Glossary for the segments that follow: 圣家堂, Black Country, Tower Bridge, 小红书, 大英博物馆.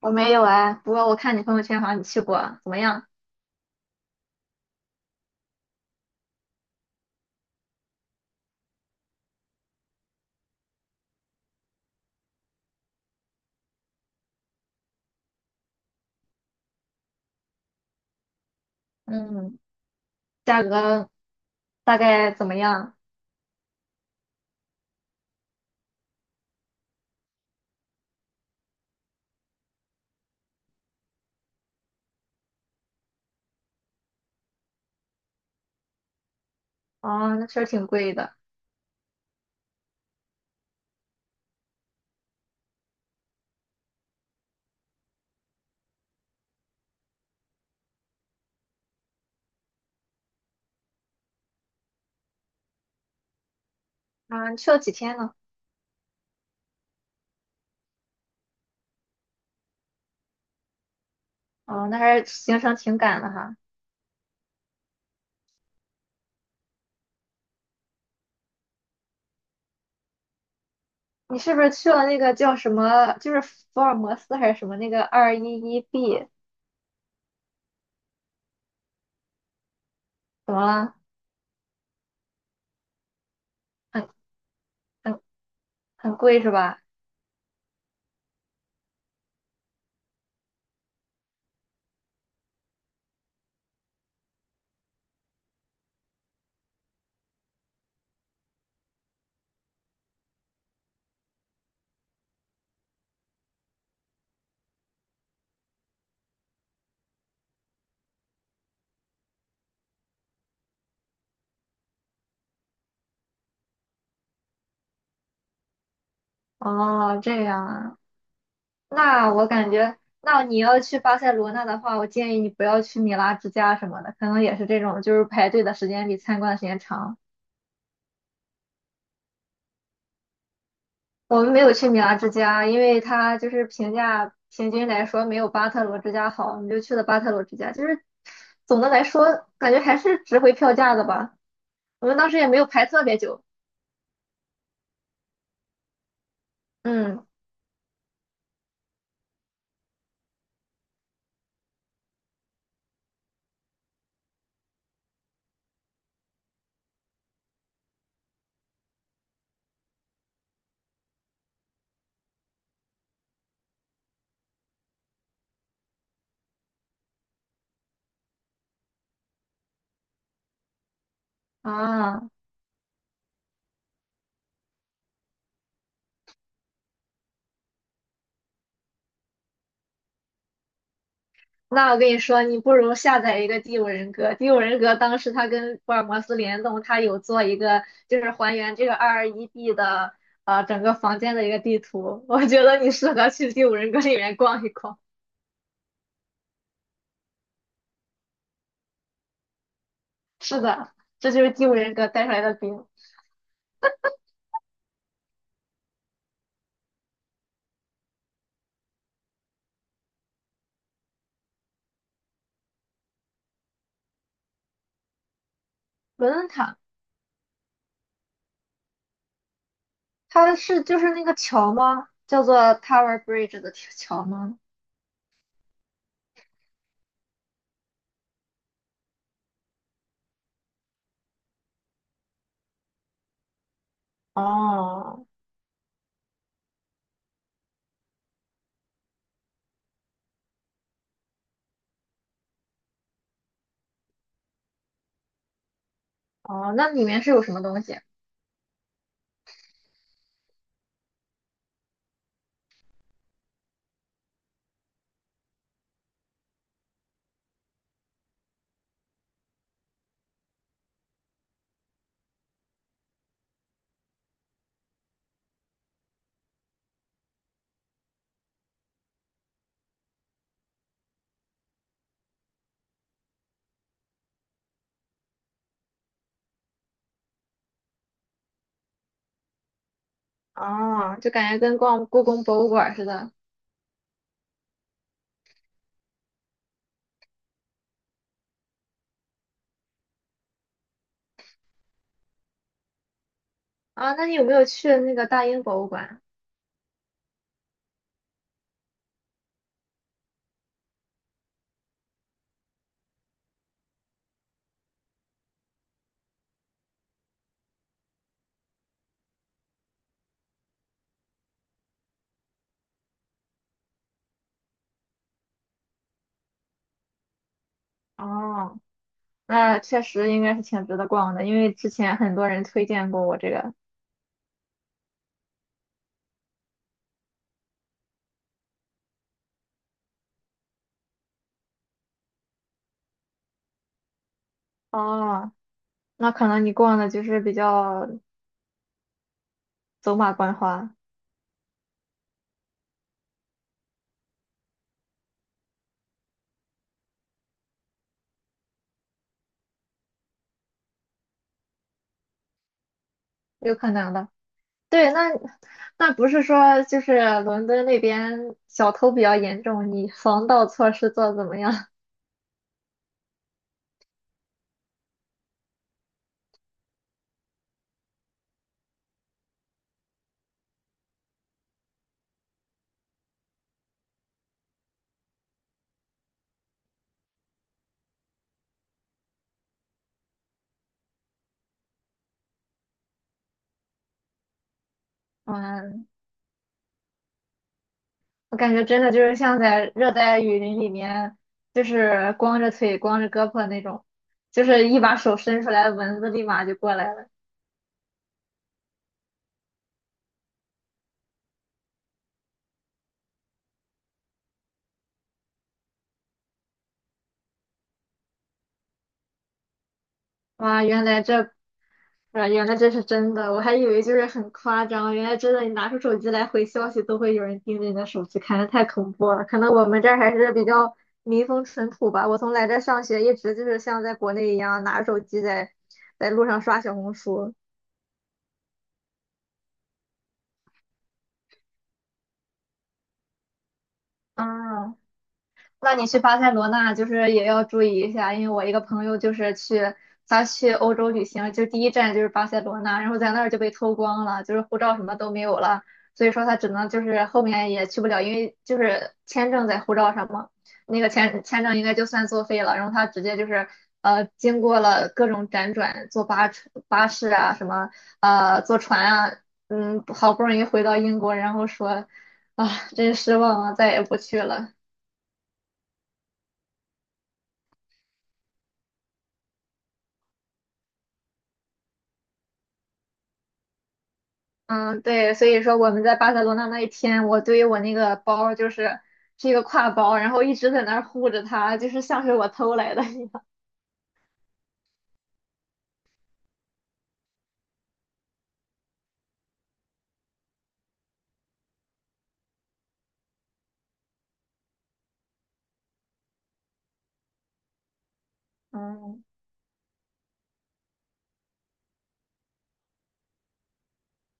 我没有哎，不过我看你朋友圈好像你去过，怎么样？嗯，价格大概怎么样？哦，那确实挺贵的。啊，你去了几天呢？哦，那还是行程挺赶的哈。你是不是去了那个叫什么，就是福尔摩斯还是什么那个211B？怎么了？很很很贵是吧？哦，这样啊。那我感觉，那你要去巴塞罗那的话，我建议你不要去米拉之家什么的，可能也是这种，就是排队的时间比参观的时间长。我们没有去米拉之家，因为它就是评价平均来说没有巴特罗之家好，我们就去了巴特罗之家。就是总的来说，感觉还是值回票价的吧。我们当时也没有排特别久。嗯啊，那我跟你说，你不如下载一个《第五人格》。《第五人格》当时它跟福尔摩斯联动，它有做一个就是还原这个221d 的整个房间的一个地图。我觉得你适合去《第五人格》里面逛一逛。是的，这就是《第五人格》带出来的饼。伦敦塔，它是就是那个桥吗？叫做 Tower Bridge 的桥吗？哦哦，那里面是有什么东西？哦，就感觉跟逛故宫博物馆似的。啊，那你有没有去那个大英博物馆？哦，那确实应该是挺值得逛的，因为之前很多人推荐过我这个。哦，那可能你逛的就是比较走马观花，有可能的。对，那不是说就是伦敦那边小偷比较严重，你防盗措施做得怎么样？嗯，我感觉真的就是像在热带雨林里面，就是光着腿、光着胳膊那种，就是一把手伸出来，蚊子立马就过来了。哇，原来这是真的，我还以为就是很夸张，原来真的，你拿出手机来回消息都会有人盯着你的手机看，太恐怖了。可能我们这儿还是比较民风淳朴吧。我从来这儿上学，一直就是像在国内一样拿着手机在路上刷小红书。啊，那你去巴塞罗那就是也要注意一下，因为我一个朋友就是他去欧洲旅行，就第一站就是巴塞罗那，然后在那儿就被偷光了，就是护照什么都没有了，所以说他只能就是后面也去不了，因为就是签证在护照上嘛，那个签证应该就算作废了，然后他直接就是经过了各种辗转，坐巴车巴士啊什么坐船啊，嗯好不容易回到英国，然后说啊真失望啊，再也不去了。嗯，对，所以说我们在巴塞罗那那一天，我对于我那个包就是是一个挎包，然后一直在那儿护着它，就是像是我偷来的一样。嗯，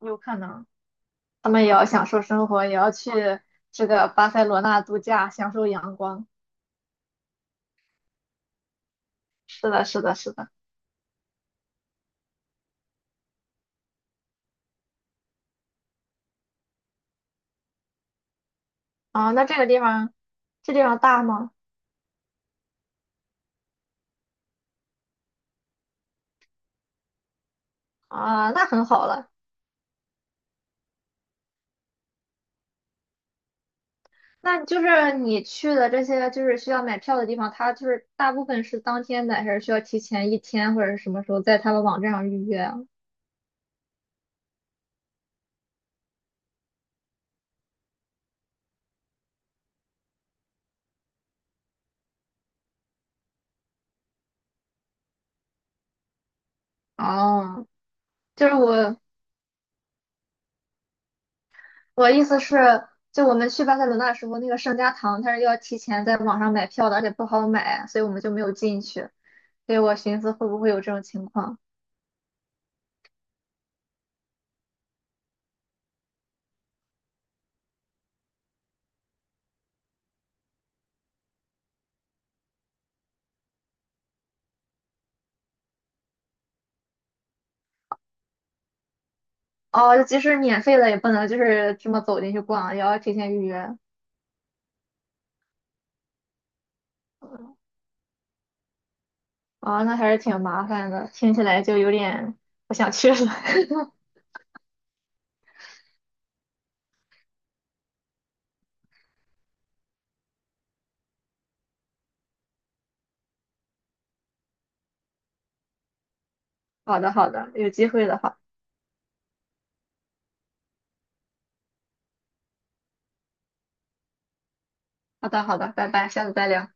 有可能他们也要享受生活，也要去这个巴塞罗那度假，享受阳光。是的，是的，是的。啊，那这个地方，这地方大吗？啊，那很好了。那就是你去的这些就是需要买票的地方，它就是大部分是当天买，还是需要提前一天或者是什么时候在他们网站上预约啊？哦，就是我，我意思是，就我们去巴塞罗那的时候，那个圣家堂它是要提前在网上买票的，而且不好买，所以我们就没有进去。所以我寻思会不会有这种情况？哦，就即使免费了也不能就是这么走进去逛，也要提前预约。啊、那还是挺麻烦的，听起来就有点不想去了。好的，好的，有机会的话，好的，好的，拜拜，下次再聊。